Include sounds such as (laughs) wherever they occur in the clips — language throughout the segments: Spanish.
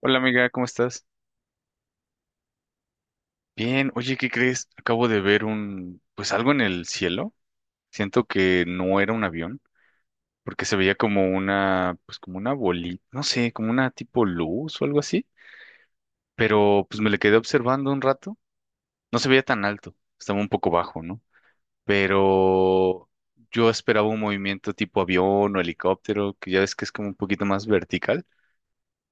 Hola amiga, ¿cómo estás? Bien, oye, ¿qué crees? Acabo de ver pues algo en el cielo. Siento que no era un avión, porque se veía como pues como una bolita, no sé, como una tipo luz o algo así. Pero pues me le quedé observando un rato. No se veía tan alto, estaba un poco bajo, ¿no? Pero yo esperaba un movimiento tipo avión o helicóptero, que ya ves que es como un poquito más vertical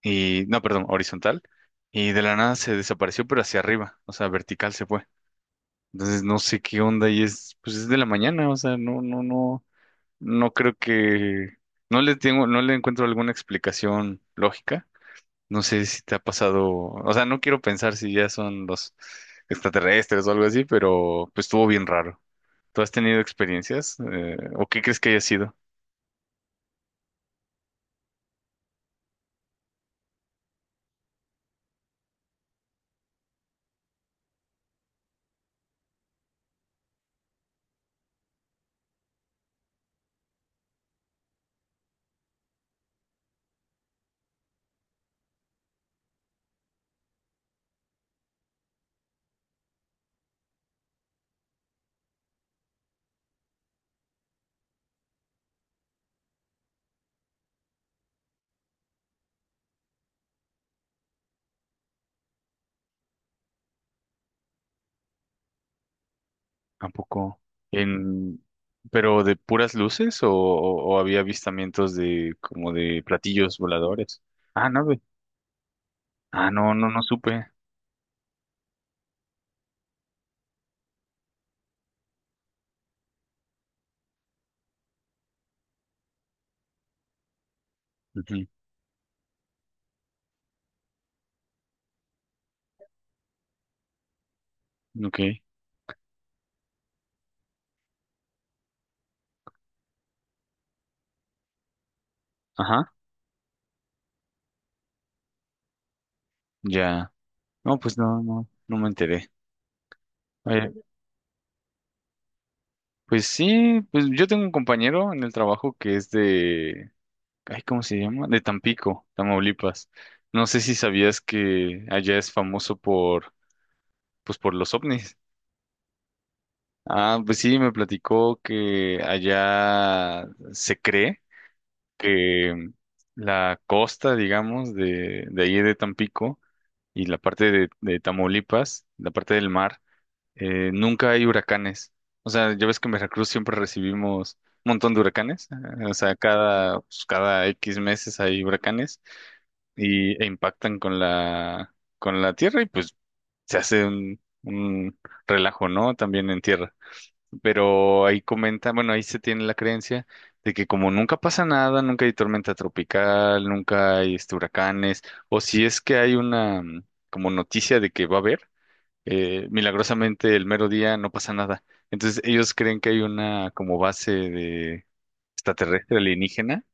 y, no, perdón, horizontal. Y de la nada se desapareció, pero hacia arriba, o sea, vertical se fue. Entonces no sé qué onda y pues es de la mañana, o sea, no, no, no, no creo que, no le tengo, no le encuentro alguna explicación lógica. No sé si te ha pasado, o sea, no quiero pensar si ya son los extraterrestres o algo así, pero pues estuvo bien raro. ¿Tú has tenido experiencias? ¿O qué crees que haya sido? Tampoco en, pero ¿de puras luces o había avistamientos de como de platillos voladores? Ah, no, güey. Ah, no, no, no supe. Ok, ajá, ya. No, pues no, no, no me enteré. Oye, pues sí, pues yo tengo un compañero en el trabajo que es ay, ¿cómo se llama? De Tampico, Tamaulipas. No sé si sabías que allá es famoso por, pues por los ovnis. Ah, pues sí, me platicó que allá se cree que la costa, digamos, de ahí de Tampico y la parte de Tamaulipas, la parte del mar, nunca hay huracanes. O sea, ya ves que en Veracruz siempre recibimos un montón de huracanes. O sea, pues, cada X meses hay huracanes e impactan con la tierra y pues se hace un relajo, ¿no? También en tierra. Pero ahí comenta, bueno, ahí se tiene la creencia de que como nunca pasa nada, nunca hay tormenta tropical, nunca hay este, huracanes, o si es que hay una como noticia de que va a haber milagrosamente el mero día no pasa nada. Entonces ellos creen que hay una como base de extraterrestre alienígena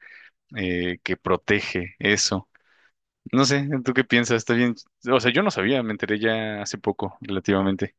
que protege eso. No sé, ¿tú qué piensas? Está bien. O sea, yo no sabía, me enteré ya hace poco, relativamente.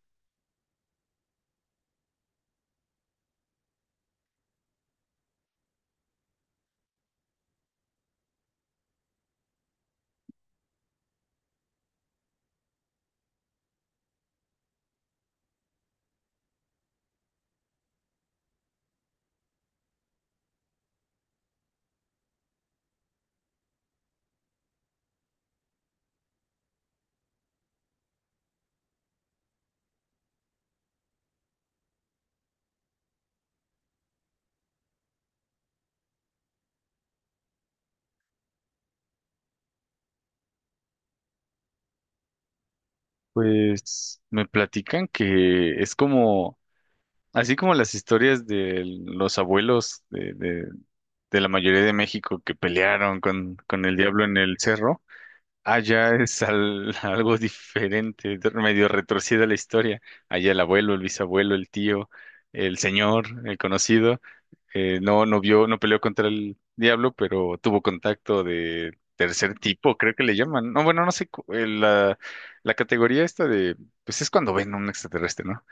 Pues me platican que es como, así como las historias de los abuelos de la mayoría de México que pelearon con el diablo en el cerro. Allá es (laughs) algo diferente, medio retorcida la historia. Allá el abuelo, el bisabuelo, el tío, el señor, el conocido, no vio, no peleó contra el diablo, pero tuvo contacto de tercer tipo, creo que le llaman. No, bueno, no sé, la, la categoría esta de, pues es cuando ven a un extraterrestre, ¿no?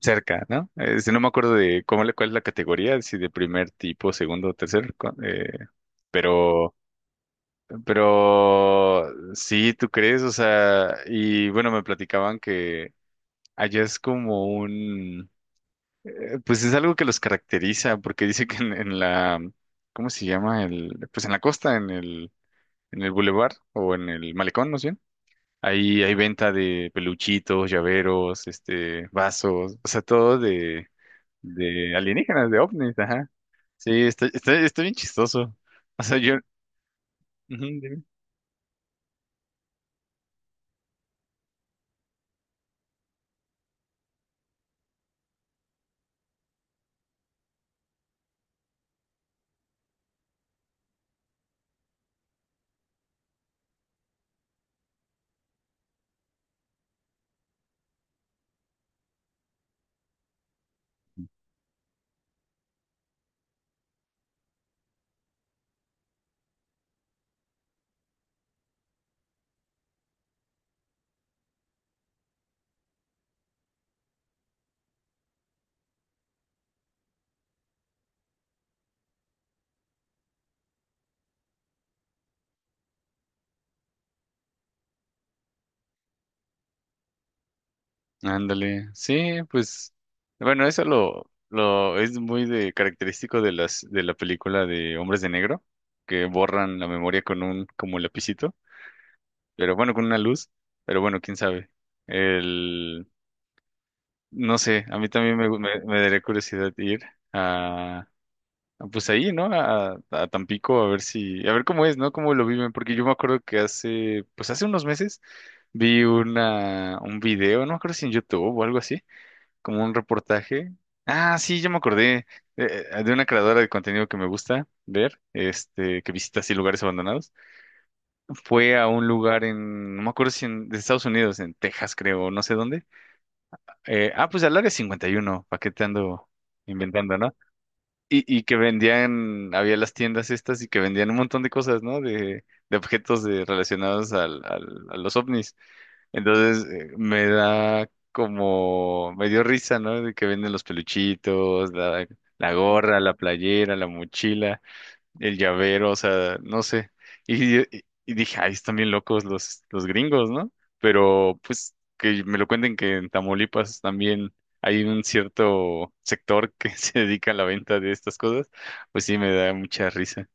Cerca, ¿no? Este, no me acuerdo de cuál es la categoría, si de primer tipo, segundo, tercer, pero pero sí, ¿tú crees? O sea, y bueno, me platicaban que allá es como pues es algo que los caracteriza, porque dice que en la, ¿cómo se llama? El, pues en la costa, en el bulevar o en el malecón, ¿no sé? Ahí hay venta de peluchitos, llaveros, este, vasos, o sea, todo de alienígenas, de ovnis, ajá. Sí, está, está, está bien chistoso. O sea, yo, ujú, dime. Ándale, sí, pues, bueno, eso lo es muy de característico de las de la película de Hombres de Negro, que borran la memoria con un como lapicito, pero bueno, con una luz, pero bueno, quién sabe. El, no sé, a mí también me daría curiosidad ir a, a, pues ahí, ¿no? A Tampico a ver si, a ver cómo es, ¿no? Cómo lo viven, porque yo me acuerdo pues hace unos meses vi una un video, no me acuerdo si en YouTube o algo así como un reportaje. Ah, sí, yo me acordé de una creadora de contenido que me gusta ver, este, que visita así lugares abandonados. Fue a un lugar no me acuerdo si en de Estados Unidos, en Texas, creo, no sé dónde. Pues al área 51, ¿para qué te ando inventando, no? Y que vendían, había las tiendas estas y que vendían un montón de cosas, ¿no? De objetos de, relacionados a los ovnis. Entonces me dio risa, ¿no? De que venden los peluchitos, la gorra, la playera, la mochila, el llavero, o sea, no sé. Y, y- y dije, ay, están bien locos los gringos, ¿no? Pero pues que me lo cuenten que en Tamaulipas también hay un cierto sector que (laughs) se dedica a la venta de estas cosas, pues sí me da mucha risa.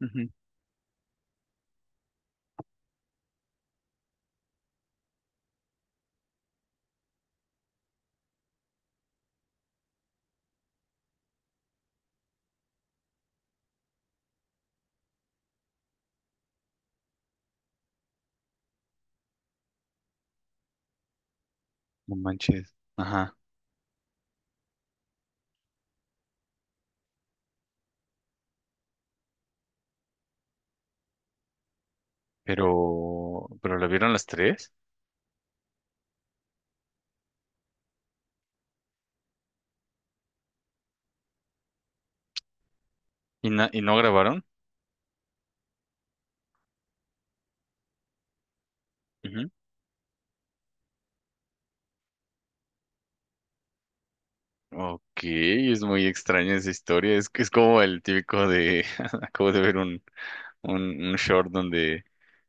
Ujú. No manches. Ajá. Pero la vieron las tres y no grabaron. Ujú. Ok, es muy extraña esa historia. Es que es como el típico de. (laughs) Acabo de ver un short donde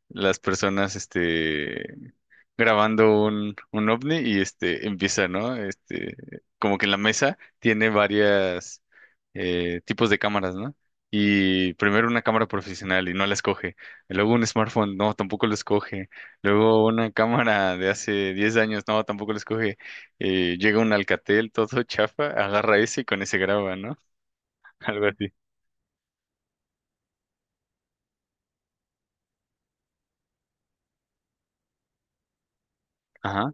las personas este grabando un ovni y este empieza, ¿no? Este, como que en la mesa tiene varias tipos de cámaras, ¿no? Y primero una cámara profesional y no la escoge. Luego un smartphone, no, tampoco lo escoge. Luego una cámara de hace 10 años, no, tampoco lo escoge. Llega un Alcatel todo (laughs) chafa, agarra ese y con ese graba, ¿no? (laughs) Algo así. Ajá,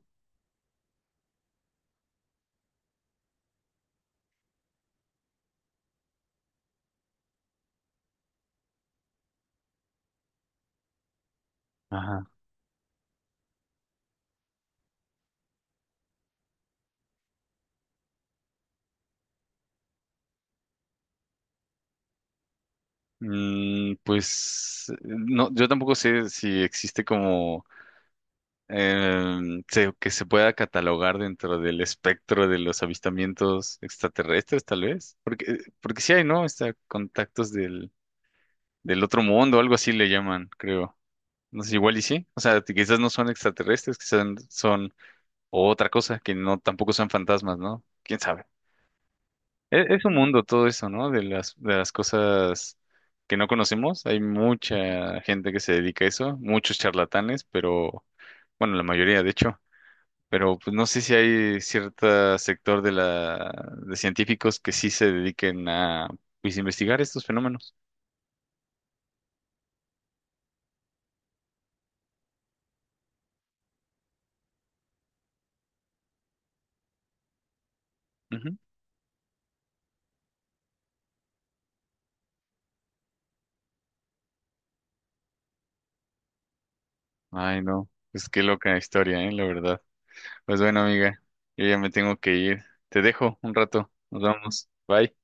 ajá. No, yo tampoco sé si existe como que se pueda catalogar dentro del espectro de los avistamientos extraterrestres, tal vez, porque porque sí hay, ¿no? Está contactos del otro mundo, algo así le llaman, creo. No sé, igual y sí. O sea, quizás no son extraterrestres, quizás son otra cosa que no tampoco son fantasmas, ¿no? ¿Quién sabe? Es un mundo todo eso, ¿no? De de las cosas que no conocemos. Hay mucha gente que se dedica a eso, muchos charlatanes, pero bueno, la mayoría, de hecho. Pero pues, no sé si hay cierto sector de de científicos que sí se dediquen a pues, investigar estos fenómenos. Ujú. Ay, no. Pues qué loca historia, ¿eh? La verdad. Pues bueno, amiga, yo ya me tengo que ir. Te dejo un rato. Nos vamos. Bye.